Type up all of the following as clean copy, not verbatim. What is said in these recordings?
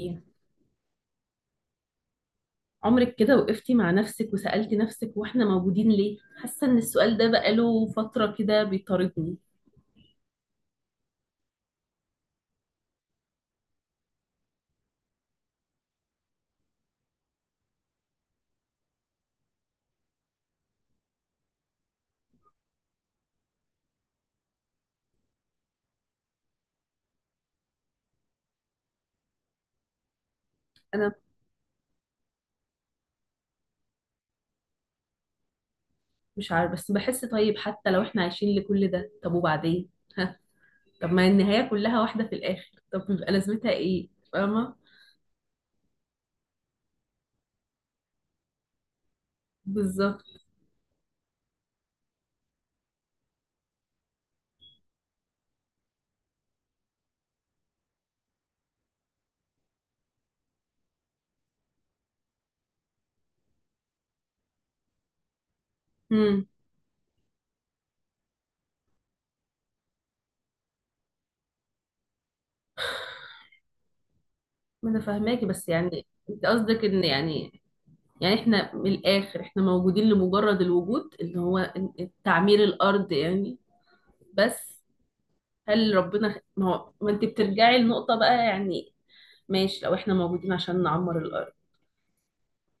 ايه، عمرك كده وقفتي مع نفسك وسألتي نفسك واحنا موجودين ليه؟ حاسه ان السؤال ده بقاله فتره كده بيطاردني. انا مش عارفه، بس بحس. طيب حتى لو احنا عايشين لكل ده، طب وبعدين؟ ها؟ طب ما النهايه كلها واحده في الاخر، طب بيبقى لازمتها ايه؟ فاهمه؟ بالظبط. امم. ما انا فاهماكي، بس يعني انت قصدك ان يعني احنا من الاخر، احنا موجودين لمجرد الوجود اللي هو تعمير الارض يعني. بس. هل ربنا، ما هو ما انت بترجعي لنقطة بقى يعني. ماشي، لو احنا موجودين عشان نعمر الأرض،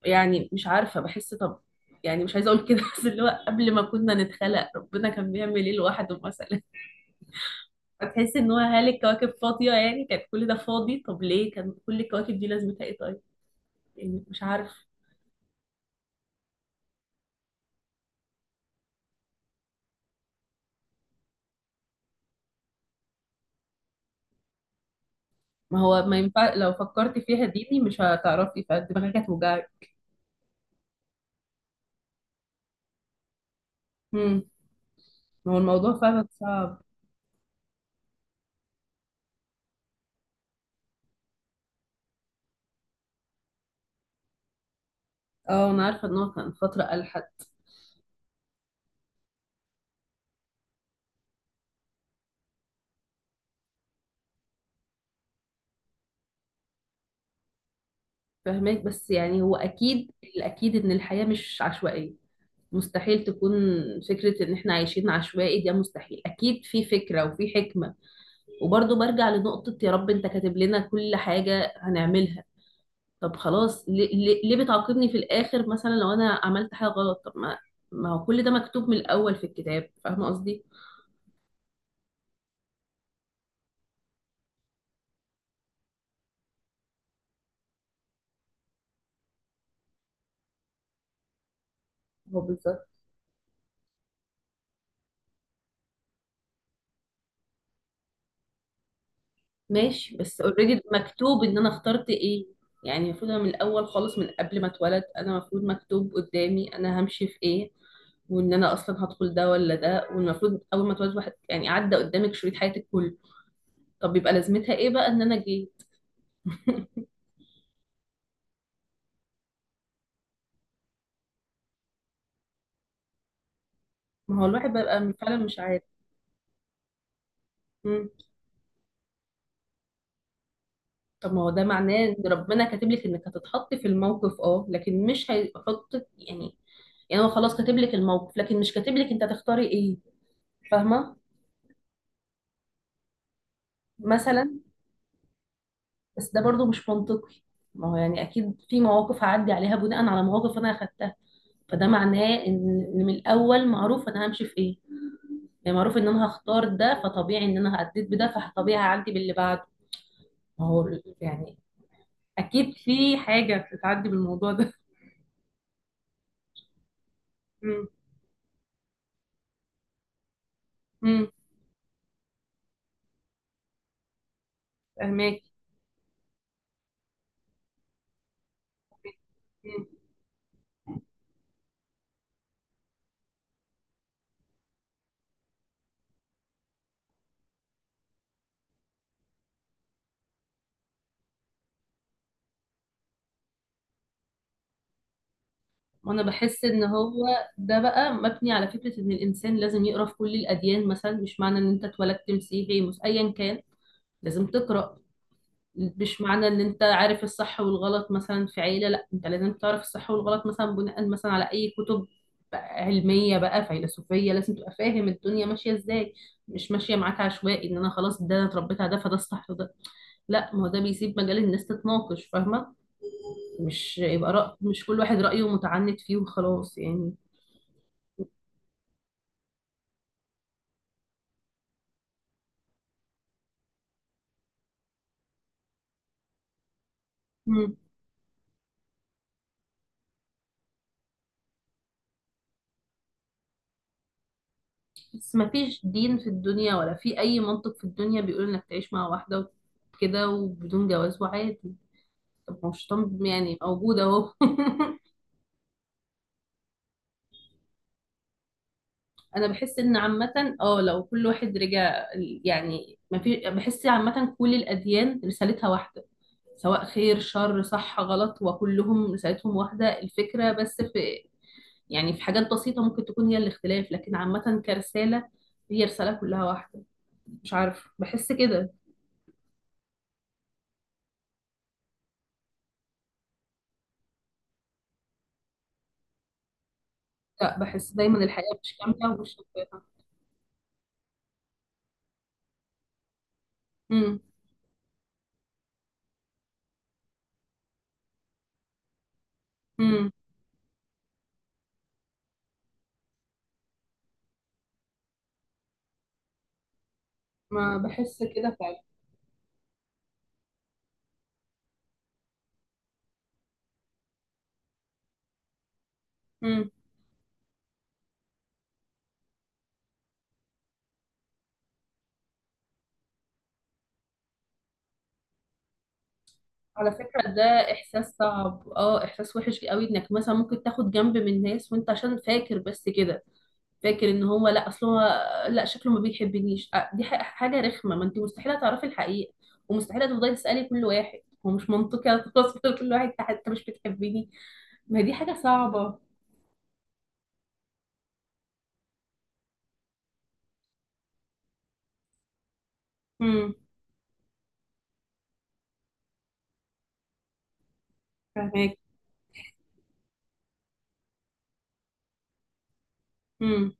يعني مش عارفة. بحس طب، يعني مش عايزة اقول كده بس اللي هو قبل ما كنا نتخلق ربنا كان بيعمل ايه لوحده مثلا؟ هتحس ان هو، هل الكواكب فاضية؟ يعني كانت كل ده فاضي، طب ليه كان كل الكواكب دي لازمتها ايه؟ طيب يعني مش عارف. ما هو ما ينفع، لو فكرتي فيها ديني مش هتعرفي، فدماغك هتوجعك. امم. ما هو الموضوع فعلا صعب. اه، انا عارفة ان هو كان فترة ألحد. فهماك، بس يعني هو اكيد. الاكيد ان الحياة مش عشوائية، مستحيل تكون. فكرة ان احنا عايشين عشوائي ده مستحيل، اكيد في فكرة وفي حكمة. وبرضه برجع لنقطة، يا رب انت كاتب لنا كل حاجة هنعملها، طب خلاص ليه بتعاقبني في الاخر؟ مثلا لو انا عملت حاجة غلط، طب ما هو كل ده مكتوب من الاول في الكتاب، فاهمة قصدي؟ هو بالظبط. ماشي، بس اوريدي مكتوب ان انا اخترت ايه. يعني المفروض انا من الاول خالص، من قبل ما اتولد، انا المفروض مكتوب قدامي انا همشي في ايه، وان انا اصلا هدخل ده ولا ده. والمفروض اول ما اتولد واحد يعني عدى قدامك شريط حياتك كله. طب يبقى لازمتها ايه بقى ان انا جه؟ ما هو الواحد بقى فعلا مش عارف. مم. طب ما هو ده معناه ان ربنا كاتب لك انك هتتحطي في الموقف، لكن مش هيحطك يعني. يعني هو خلاص كاتب لك الموقف، لكن مش كاتب لك انت هتختاري ايه. فاهمه؟ مثلا. بس ده برضو مش منطقي. ما هو يعني اكيد في مواقف هعدي عليها بناء على مواقف انا اخدتها، فده معناه ان من الاول معروف انا همشي في ايه. يعني معروف ان انا هختار ده، فطبيعي ان انا هعديت بده، فطبيعي هعدي باللي بعده. ما هو يعني. اكيد في حاجه بتتعدي بالموضوع ده امم. امم. فهماك. أمم. وانا بحس ان هو ده بقى مبني على فكره ان الانسان لازم يقرا في كل الاديان. مثلا مش معنى ان انت اتولدت مسيحي، ايا كان لازم تقرا. مش معنى ان انت عارف الصح والغلط مثلا في عيلة، لا انت لازم تعرف الصح والغلط مثلا بناء مثلا على اي كتب، بقى علمية بقى فيلسوفية. لازم تبقى فاهم الدنيا ماشية ازاي، مش ماشية معاك عشوائي ان انا خلاص ده انا اتربيت على ده فده الصح وده. لا، ما هو ده بيسيب مجال الناس تتناقش، فاهمة؟ مش يبقى رأي، مش كل واحد رأيه متعنت فيه وخلاص يعني. مم. بس ما فيش دين في الدنيا ولا في اي منطق في الدنيا بيقول انك تعيش مع واحدة كده وبدون جواز وعادي. طب ما مش طنب يعني، موجودة اهو انا بحس ان عامة، لو كل واحد رجع، يعني ما في. بحس عامة كل الاديان رسالتها واحدة، سواء خير شر صح غلط، وكلهم رسالتهم واحدة. الفكرة بس في، يعني في حاجات بسيطة ممكن تكون هي الاختلاف، لكن عامة كرسالة هي رسالة كلها واحدة. مش عارف، بحس كده. لا، بحس دايما الحياة مش كاملة ومش شفافة. امم. امم. ما بحس كده فعلا. على فكرة ده إحساس صعب، إحساس وحش قوي. إنك مثلا ممكن تاخد جنب من ناس وأنت عشان فاكر بس كده، فاكر إن هو لأ، أصل هو لأ شكله ما بيحبنيش، دي حاجة رخمة. ما أنت مستحيل تعرفي الحقيقة، ومستحيل تفضلي تسألي كل واحد. هو مش منطقي أتقص كل واحد حتى مش بتحبني. ما هي دي حاجة صعبة. امم. فاهماك. امم.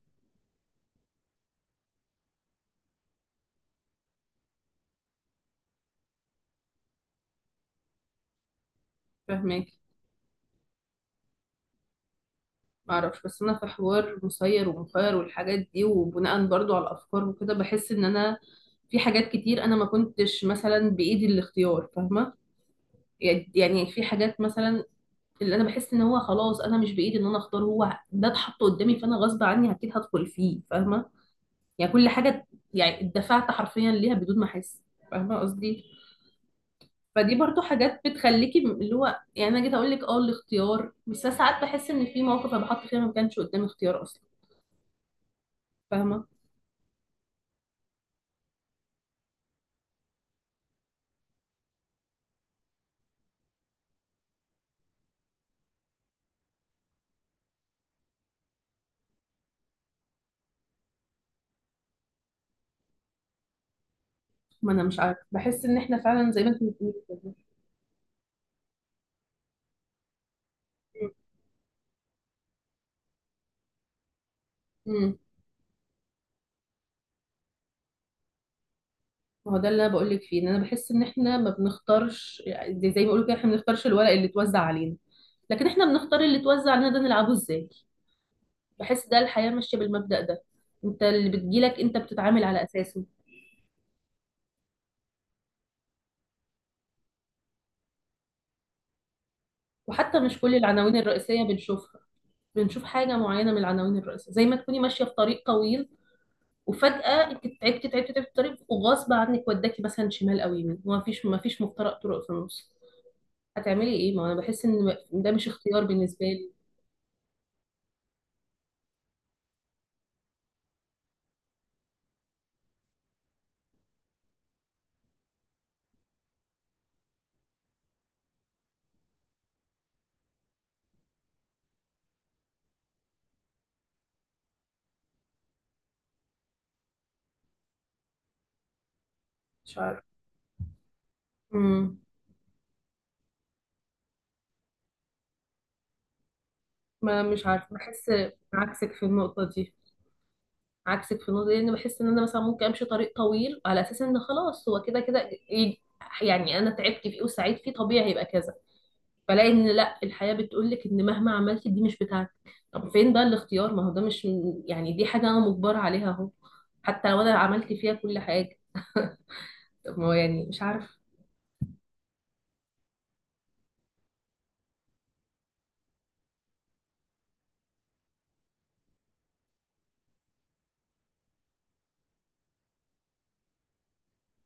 فاهماك. معرفش، بس انا في حوار مسير ومخير والحاجات دي، وبناء برضو على الافكار وكده، بحس ان انا في حاجات كتير انا ما كنتش مثلا بايدي الاختيار، فاهمه؟ يعني في حاجات مثلا، اللي انا بحس ان هو خلاص انا مش بايدي ان انا اختار، هو ده اتحط قدامي، فانا غصب عني اكيد هدخل فيه. فاهمه؟ يعني كل حاجه، يعني اتدفعت حرفيا ليها بدون ما احس. فاهمه قصدي؟ فدي برضو حاجات بتخليكي اللي هو يعني انا جيت اقول لك الاختيار. بس أنا ساعات بحس ان في مواقف انا بحط فيها ما كانش قدامي اختيار اصلا، فاهمه؟ ما انا مش عارفه، بحس ان احنا فعلا زي ما انت بتقولي كده. امم. ما هو ده اللي انا بقول لك فيه، ان انا بحس ان احنا ما بنختارش. يعني زي ما بيقولوا كده، احنا ما بنختارش الورق اللي اتوزع علينا، لكن احنا بنختار اللي اتوزع علينا ده نلعبه ازاي. بحس ده الحياه ماشيه بالمبدأ ده، انت اللي بتجيلك انت بتتعامل على اساسه. وحتى مش كل العناوين الرئيسيه بنشوفها، بنشوف حاجه معينه من العناوين الرئيسيه. زي ما تكوني ماشيه في طريق طويل، وفجأة انت تعبتي تعبتي تعبتي في الطريق وغصب عنك وداكي مثلا شمال او يمين، وما فيش ما فيش مفترق طرق في النص، هتعملي ايه؟ ما انا بحس ان ده مش اختيار بالنسبه لي. مش عارفه. امم. ما مش عارفه، بحس. عكسك في النقطه دي عكسك في النقطه دي، لان بحس ان انا مثلا ممكن امشي طريق طويل على اساس ان خلاص هو كده كده، يعني انا تعبت فيه وسعيت فيه، طبيعي هيبقى كذا. فلاقي ان لا، الحياه بتقول لك ان مهما عملتي دي مش بتاعتك. طب فين بقى الاختيار؟ ما هو ده مش يعني، دي حاجه انا مجبره عليها اهو، حتى لو انا عملت فيها كل حاجه. طب ما هو يعني مش عارفه.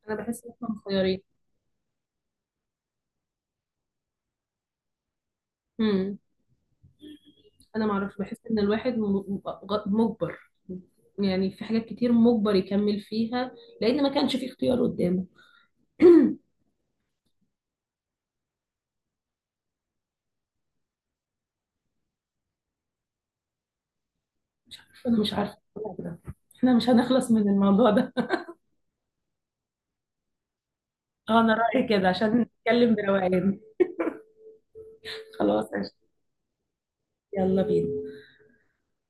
انا بحس ان احنا مخيرين. انا معرفش، بحس ان الواحد مجبر. يعني في حاجات كتير مجبر يكمل فيها، لان ما كانش في اختيار قدامه. انا مش عارفه أقول كده. احنا مش هنخلص من الموضوع ده انا رايي كده عشان نتكلم بروقان. خلاص قشطة. يلا بينا.